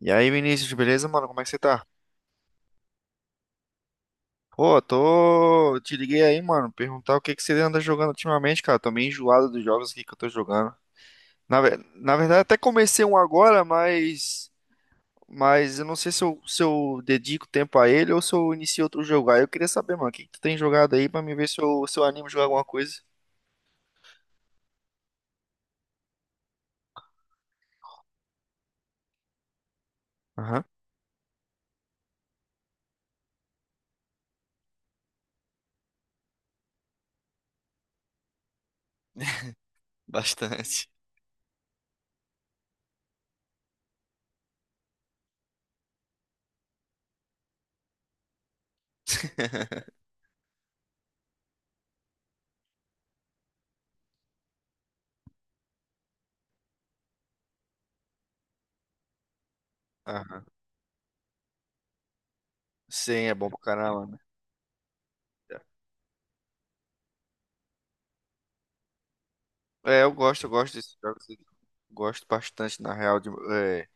E aí, Vinícius, beleza, mano? Como é que você tá? Pô, tô. Te liguei aí, mano, perguntar o que que você anda jogando ultimamente, cara. Tô meio enjoado dos jogos aqui que eu tô jogando. Na verdade, até comecei um agora, mas. Mas eu não sei se eu, se eu dedico tempo a ele ou se eu inicio outro jogo. Aí eu queria saber, mano, o que que tu tem jogado aí pra me ver se eu, se eu animo a jogar alguma coisa. Aham. Bastante. Aham. Sim, é bom pra caramba, né? Eu gosto desses jogos. Eu Gosto bastante, na real, de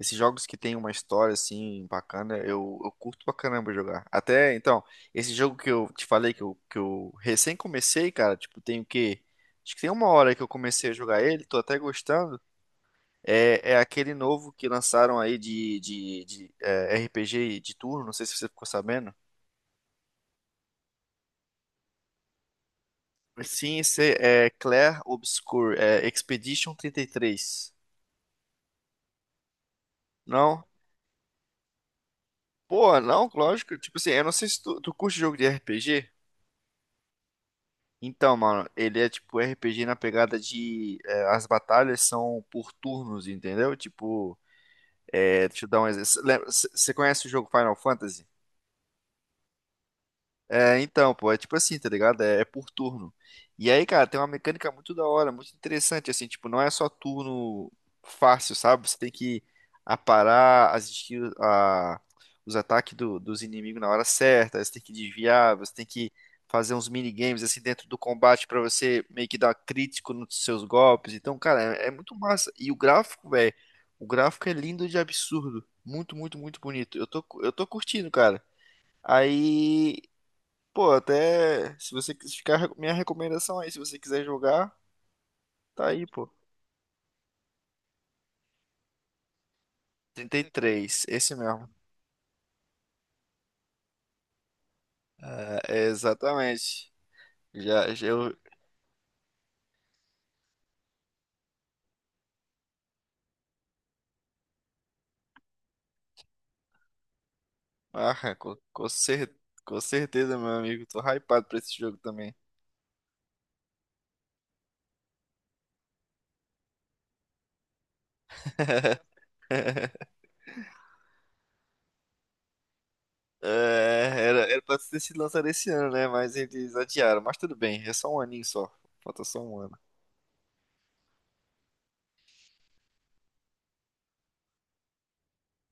esses jogos que tem uma história assim bacana, eu curto pra caramba jogar. Até então, esse jogo que eu te falei que eu recém comecei, cara, tipo, tem o quê? Acho que tem uma hora que eu comecei a jogar ele, tô até gostando. É, é aquele novo que lançaram aí de RPG de turno, não sei se você ficou sabendo. Sim, esse é Clair Obscur, é Expedition 33. Não? Pô, não, lógico. Tipo assim, eu não sei se tu, tu curte jogo de RPG. Então, mano, ele é tipo RPG na pegada de. As batalhas são por turnos, entendeu? Deixa eu dar um exemplo. Você conhece o jogo Final Fantasy? É tipo assim, tá ligado? É por turno. E aí, cara, tem uma mecânica muito da hora, muito interessante, assim, tipo, não é só turno fácil, sabe? Você tem que aparar as skills, os ataques dos inimigos na hora certa, você tem que desviar, você tem que fazer uns minigames, assim, dentro do combate pra você meio que dar crítico nos seus golpes. Então, cara, é muito massa. E o gráfico, velho, o gráfico é lindo de absurdo. Muito, muito, muito bonito. Eu tô curtindo, cara. Aí Até se você quis ficar, minha recomendação aí, se você quiser jogar, tá aí, pô. 33 esse mesmo. É, é exatamente. Já, já eu. Ah, com, com, cer- com certeza, meu amigo. Tô hypado pra esse jogo também. É, era, era pra ter sido lançado esse ano, né? Mas eles adiaram. Mas tudo bem, é só um aninho só. Falta só um ano.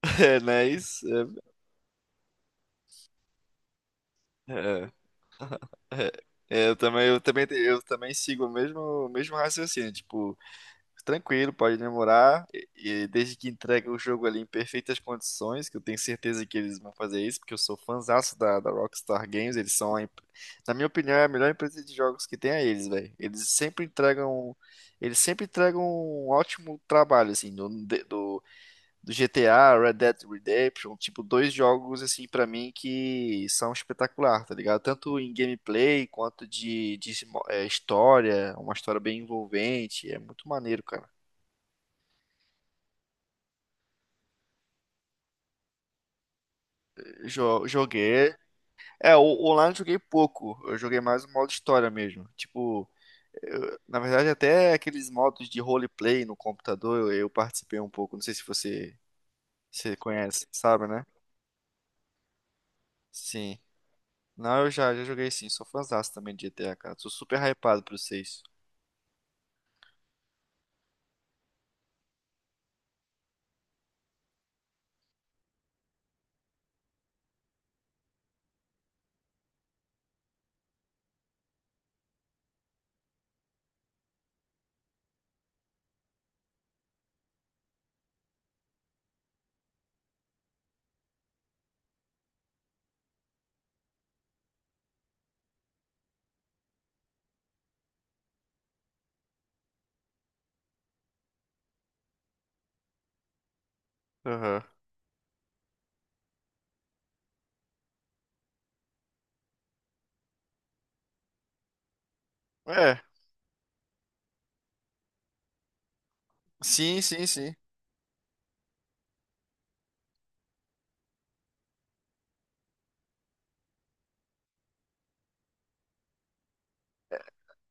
É, não é isso? É, é, é. É, eu também, eu também sigo o mesmo raciocínio. Tipo. Tranquilo, pode demorar. E desde que entregue o jogo ali em perfeitas condições, que eu tenho certeza que eles vão fazer isso, porque eu sou fãzaço da, da Rockstar Games, eles são, a, empre- na minha opinião, é a melhor empresa de jogos que tem a eles, velho. Eles sempre entregam um ótimo trabalho, assim, do do GTA, Red Dead Redemption, tipo, dois jogos, assim, pra mim que são espetacular, tá ligado? Tanto em gameplay quanto de história, uma história bem envolvente, é muito maneiro, cara. Joguei. É, o online eu joguei pouco. Eu joguei mais o modo história mesmo. Tipo, na verdade, até aqueles modos de roleplay no computador eu participei um pouco. Não sei se você, você conhece, sabe, né? Sim. Não, já joguei sim. Sou fãzaço também de GTA, cara. Sou super hypado pro 6. Aham. É, sim, sim, sim.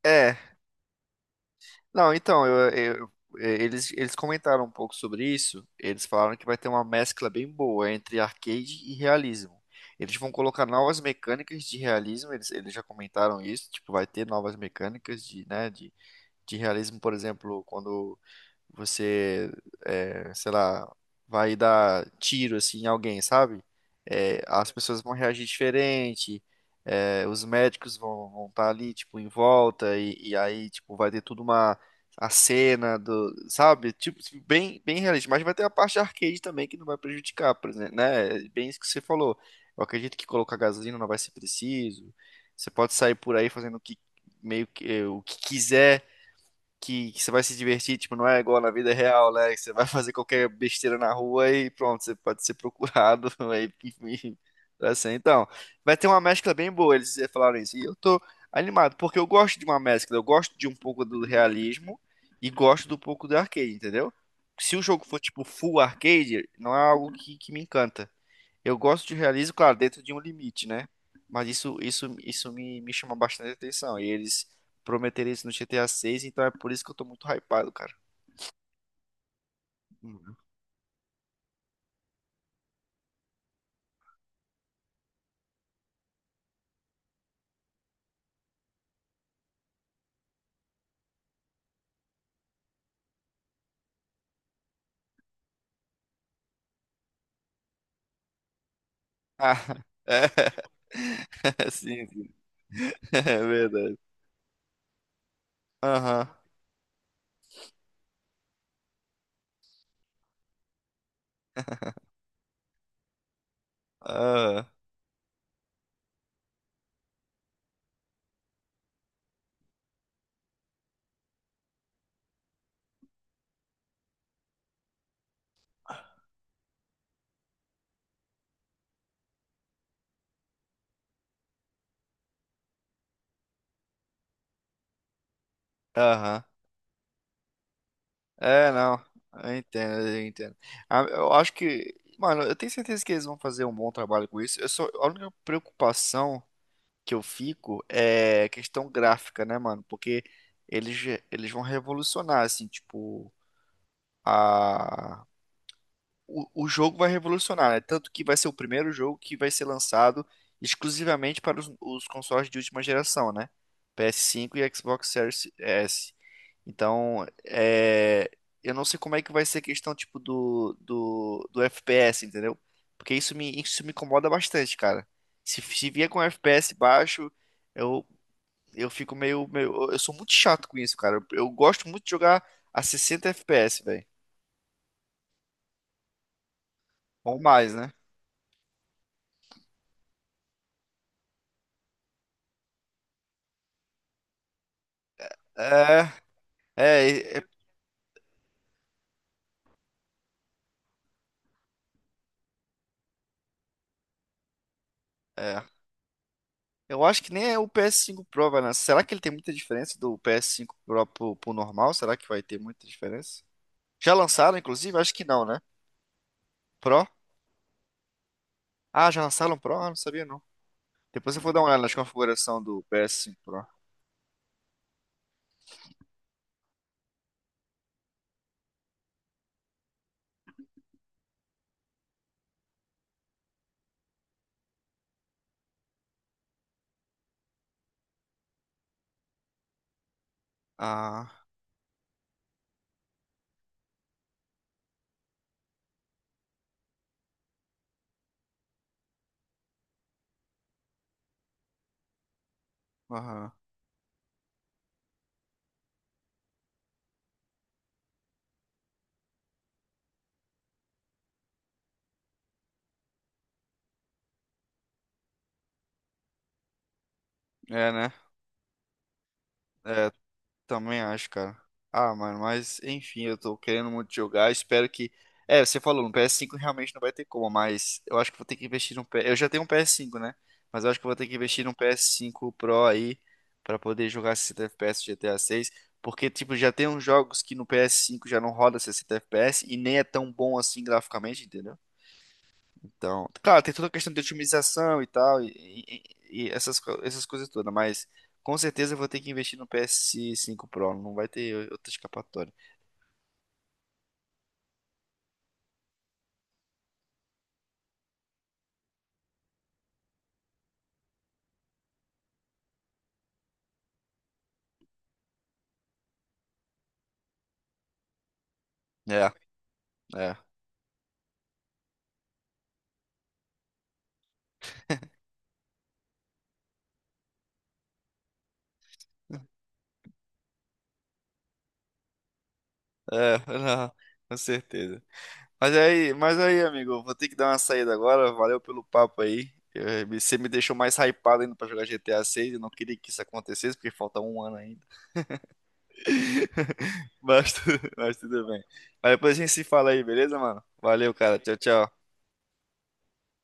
É, não, então, eles comentaram um pouco sobre isso. Eles falaram que vai ter uma mescla bem boa entre arcade e realismo. Eles vão colocar novas mecânicas de realismo, eles já comentaram isso, tipo, vai ter novas mecânicas de realismo, por exemplo, quando você, sei lá, vai dar tiro assim em alguém, sabe? As pessoas vão reagir diferente, os médicos vão estar ali, tipo, em volta, e aí, tipo, vai ter tudo uma a cena do, sabe? Tipo, bem, bem realista, mas vai ter a parte arcade também que não vai prejudicar, por exemplo, né? É bem isso que você falou. Eu acredito que colocar gasolina não vai ser preciso. Você pode sair por aí fazendo o que meio que o que quiser que você vai se divertir, tipo, não é igual na vida real, né? Que você vai fazer qualquer besteira na rua e pronto, você pode ser procurado, aí, enfim, assim. Então, vai ter uma mescla bem boa, eles falaram isso. E eu tô animado, porque eu gosto de uma mescla, eu gosto de um pouco do realismo e gosto do pouco do arcade, entendeu? Se o jogo for, tipo, full arcade, não é algo que me encanta. Eu gosto de realismo, claro, dentro de um limite, né? Mas isso me, me chama bastante atenção. E eles prometeram isso no GTA 6, então é por isso que eu tô muito hypado, cara. Uhum. Ah, é. Sim, sim. É verdade. Aham. Aham. Aham. É, não. Eu entendo, eu entendo. Ah, eu acho que, mano, eu tenho certeza que eles vão fazer um bom trabalho com isso. Eu só, a única preocupação que eu fico é questão gráfica, né, mano? Porque eles, eles vão revolucionar, assim, tipo, a... o jogo vai revolucionar, né? Tanto que vai ser o primeiro jogo que vai ser lançado exclusivamente para os consoles de última geração, né? PS5 e Xbox Series S. Então, é... eu não sei como é que vai ser a questão, tipo, do FPS, entendeu? Porque isso me incomoda bastante, cara. Se vier com FPS baixo, eu, eu fico meio, meio. Eu sou muito chato com isso, cara. Eu gosto muito de jogar a 60 FPS, velho. Ou mais, né? É, é, é, é. Eu acho que nem é o ps cinco Pro, vai lançar. Será que ele tem muita diferença do ps cinco Pro pro normal? Será que vai ter muita diferença? Já lançaram, inclusive? Acho que não, né? Pro? Ah, já lançaram o Pro? Ah, não sabia não. Depois eu vou dar uma olhada nas configurações do ps cinco Pro. Ah, aham. É, né? É, também acho, cara. Ah, mano, mas enfim, eu tô querendo muito jogar. Espero que. É, você falou, no PS5 realmente não vai ter como, mas eu acho que vou ter que investir num PS. Eu já tenho um PS5, né? Mas eu acho que eu vou ter que investir num PS5 Pro aí pra poder jogar 60 FPS GTA 6. Porque, tipo, já tem uns jogos que no PS5 já não roda 60 FPS e nem é tão bom assim graficamente, entendeu? Então, claro, tem toda a questão de otimização e tal, e, e essas, essas coisas todas, mas com certeza eu vou ter que investir no PS5 Pro, não vai ter outra escapatória. É, é, é, não, com certeza. Mas é aí, amigo, eu vou ter que dar uma saída agora, valeu pelo papo aí. Eh, você me deixou mais hypado ainda pra jogar GTA 6, eu não queria que isso acontecesse, porque falta um ano ainda. Mas, tu- mas tudo bem. Mas depois a gente se fala aí, beleza, mano? Valeu, cara. Tchau, tchau.